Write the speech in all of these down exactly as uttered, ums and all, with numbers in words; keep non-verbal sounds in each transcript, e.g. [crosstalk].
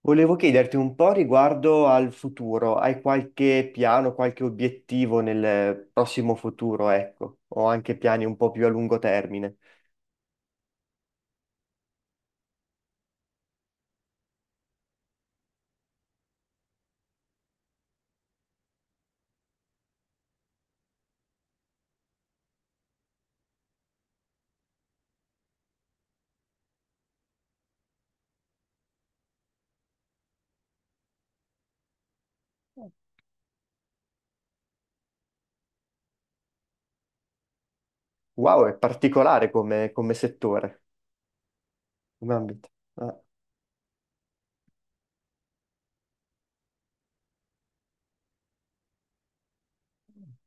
Volevo chiederti un po' riguardo al futuro. Hai qualche piano, qualche obiettivo nel prossimo futuro, ecco, o anche piani un po' più a lungo termine? Wow, è particolare come, come settore, come ambito. Ah,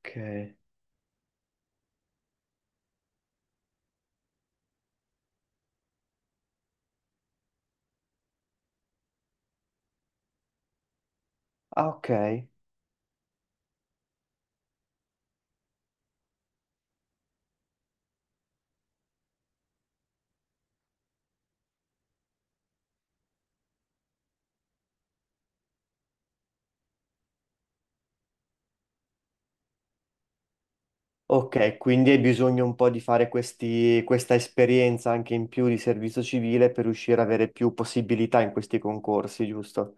ok. Ah, ok. Ok, quindi hai bisogno un po' di fare questi, questa esperienza anche in più di servizio civile per riuscire ad avere più possibilità in questi concorsi, giusto?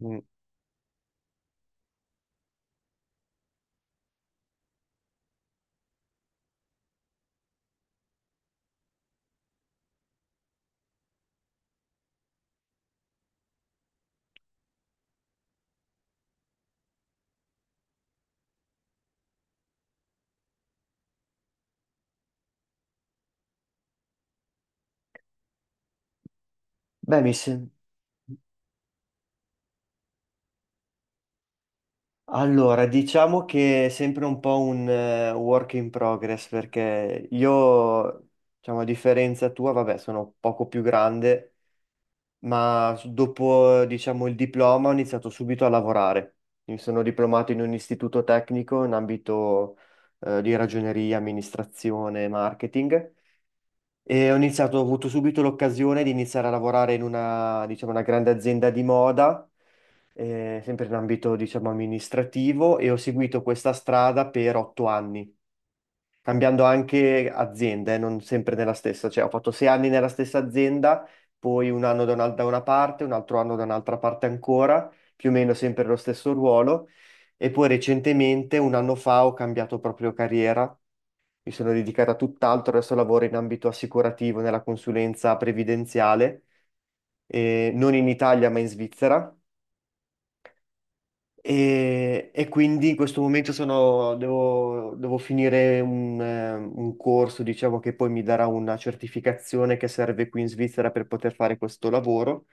Mm. Beh, mi sembra. Allora, diciamo che è sempre un po' un eh, work in progress perché io, diciamo, a differenza tua, vabbè, sono poco più grande, ma s- dopo, diciamo, il diploma ho iniziato subito a lavorare. Mi sono diplomato in un istituto tecnico in ambito eh, di ragioneria, amministrazione, marketing e ho iniziato, ho avuto subito l'occasione di iniziare a lavorare in una, diciamo, una grande azienda di moda eh, sempre in ambito, diciamo, amministrativo e ho seguito questa strada per otto anni, cambiando anche azienda, eh, non sempre nella stessa, cioè ho fatto sei anni nella stessa azienda, poi un anno da una, da una parte, un altro anno da un'altra parte ancora, più o meno sempre lo stesso ruolo e poi recentemente, un anno fa, ho cambiato proprio carriera. Mi sono dedicata a tutt'altro, adesso lavoro in ambito assicurativo nella consulenza previdenziale, eh, non in Italia ma in Svizzera. E, e quindi in questo momento sono- devo, devo finire un, eh, un corso, diciamo, che poi mi darà una certificazione che serve qui in Svizzera per poter fare questo lavoro.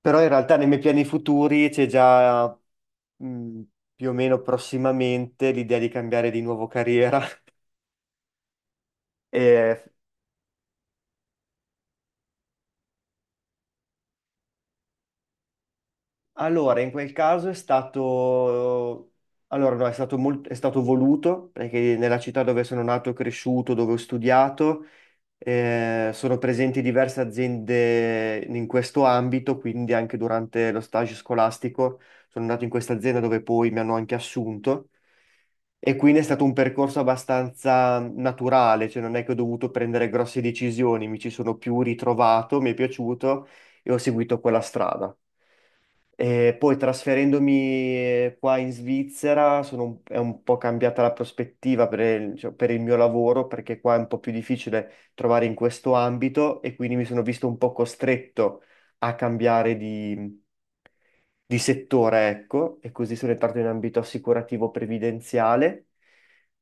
Però in realtà nei miei piani futuri c'è già, mh, più o meno prossimamente l'idea di cambiare di nuovo carriera. [laughs] E allora, in quel caso è stato... Allora, no, è stato molt- è stato voluto, perché nella città dove sono nato e cresciuto, dove ho studiato, eh, sono presenti diverse aziende in questo ambito, quindi anche durante lo stage scolastico sono andato in questa azienda dove poi mi hanno anche assunto e quindi è stato un percorso abbastanza naturale, cioè non è che ho dovuto prendere grosse decisioni, mi ci sono più ritrovato, mi è piaciuto e ho seguito quella strada. E poi trasferendomi eh, qua in Svizzera sono un- è un po' cambiata la prospettiva per il, cioè, per il mio lavoro perché qua è un po' più difficile trovare in questo ambito e quindi mi sono visto un po' costretto a cambiare di, di settore, ecco, e così sono entrato in ambito assicurativo previdenziale,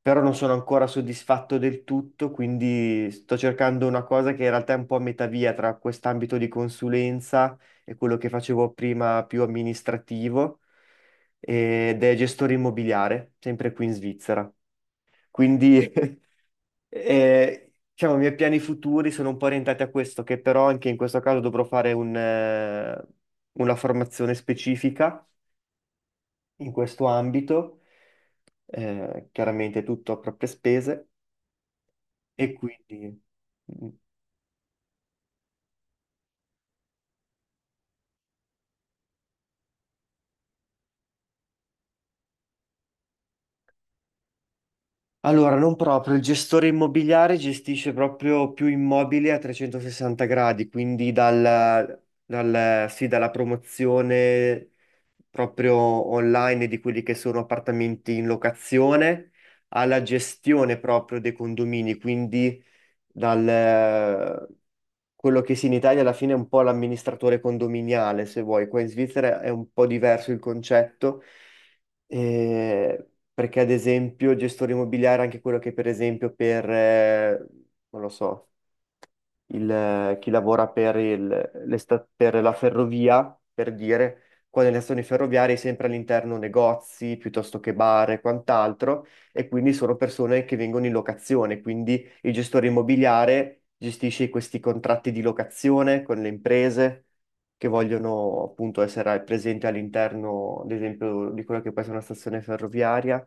però non sono ancora soddisfatto del tutto, quindi sto cercando una cosa che in realtà è un po' a metà via tra quest'ambito di consulenza è quello che facevo prima più amministrativo ed è gestore immobiliare, sempre qui in Svizzera. Quindi [laughs] eh, diciamo, i miei piani futuri sono un po' orientati a questo, che però anche in questo caso dovrò fare un, eh, una formazione specifica in questo ambito, eh, chiaramente tutto a proprie spese e quindi... mm. Allora, non proprio, il gestore immobiliare gestisce proprio più immobili a trecentosessanta gradi, quindi dal, dal- sì, dalla promozione proprio online di quelli che sono appartamenti in locazione alla gestione proprio dei condomini, quindi dal, quello che sì, in Italia alla fine è un po' l'amministratore condominiale, se vuoi, qua in Svizzera è un po' diverso il concetto, eh, perché ad esempio il gestore immobiliare è anche quello che per esempio per, eh, non lo so, il- eh, chi lavora per, il- le sta- per la ferrovia, per dire, qua nelle stazioni ferroviarie è sempre all'interno negozi piuttosto che bar e quant'altro, e quindi sono persone che vengono in locazione, quindi il gestore immobiliare gestisce questi contratti di locazione con le imprese che vogliono appunto essere presenti all'interno, ad esempio, di quella che può essere una stazione ferroviaria.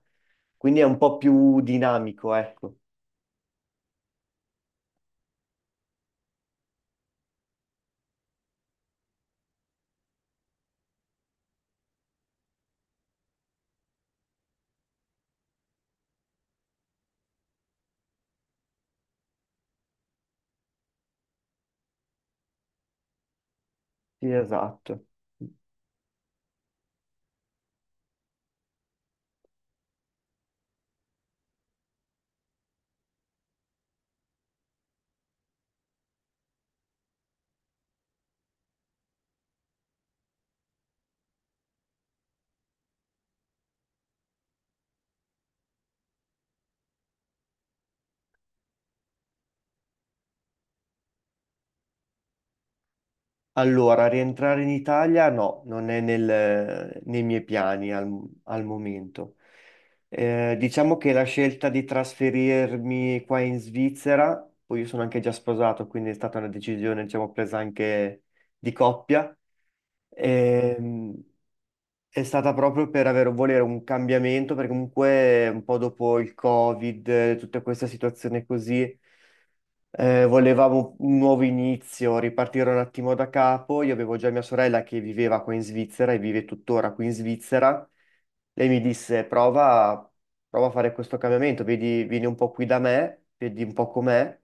Quindi è un po' più dinamico, ecco. Sì, esatto. Allora, rientrare in Italia no, non è nel- nei miei piani al, al momento. Eh, diciamo che la scelta di trasferirmi qua in Svizzera, poi io sono anche già sposato, quindi è stata una decisione, diciamo, presa anche di coppia, ehm, è stata proprio per avere, volere un cambiamento, perché comunque un po' dopo il Covid, eh, tutta questa situazione così. Eh, volevamo un nuovo inizio, ripartire un attimo da capo. Io avevo già mia sorella che viveva qua in Svizzera e vive tuttora qui in Svizzera. Lei mi disse: prova, prova a fare questo cambiamento, vedi, vieni un po' qui da me, vedi un po' com'è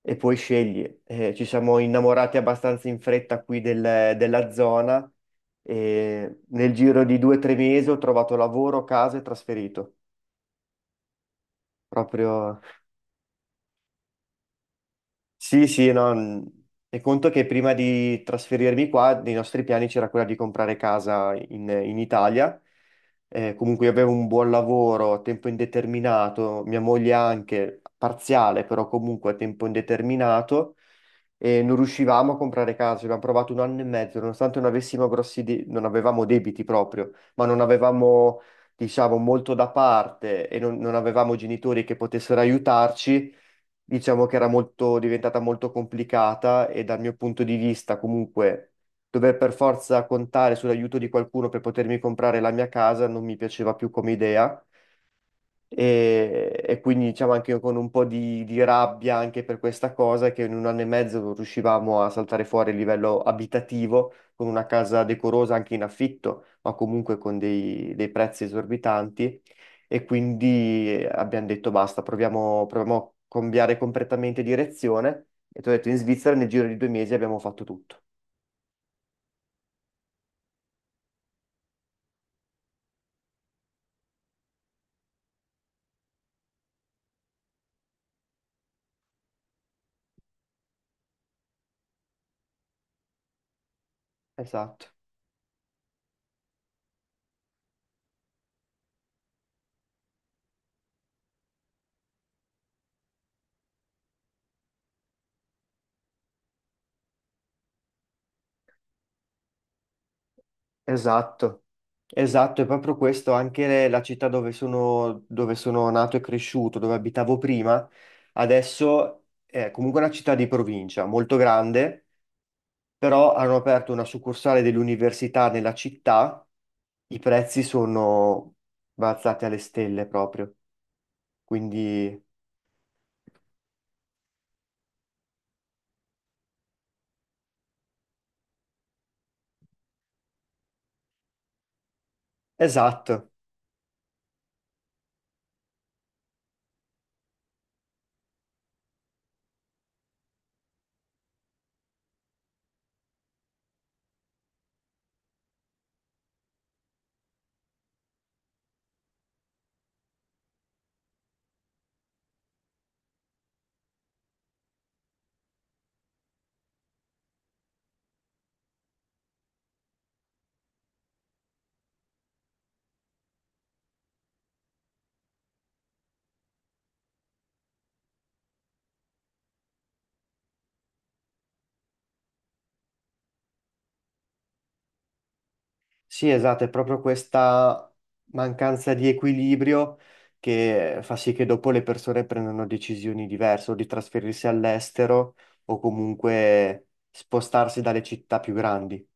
e poi scegli. Eh, ci siamo innamorati abbastanza in fretta qui del- della zona e nel giro di due o tre mesi ho trovato lavoro, casa e trasferito. Proprio. Sì, sì, no, mh, e conto che prima di trasferirmi qua, nei nostri piani c'era quella di comprare casa in, in Italia. Eh, comunque io avevo un buon lavoro a tempo indeterminato, mia moglie anche, parziale, però comunque a tempo indeterminato, e non riuscivamo a comprare casa. Abbiamo provato un anno e mezzo, nonostante non avessimo grossi de- non avevamo debiti proprio, ma non avevamo, diciamo, molto da parte e non non avevamo genitori che potessero aiutarci, diciamo che era molto, diventata molto complicata e dal mio punto di vista comunque dover per forza contare sull'aiuto di qualcuno per potermi comprare la mia casa non mi piaceva più come idea e, e quindi diciamo anche io con un po' di, di rabbia anche per questa cosa che in un anno e mezzo non riuscivamo a saltare fuori a livello abitativo con una casa decorosa anche in affitto, ma comunque con dei, dei prezzi esorbitanti e quindi eh, abbiamo detto basta, proviamo, proviamo a cambiare completamente direzione e ti ho detto in Svizzera nel giro di due mesi abbiamo fatto tutto. Esatto, esatto. Esatto, è proprio questo, anche le- la città dove sono, dove sono nato e cresciuto, dove abitavo prima, adesso è comunque una città di provincia, molto grande, però hanno aperto una succursale dell'università nella città, i prezzi sono balzati alle stelle proprio, quindi esatto. Sì, esatto, è proprio questa mancanza di equilibrio che fa sì che dopo le persone prendano decisioni diverse, o di trasferirsi all'estero o comunque spostarsi dalle città più grandi.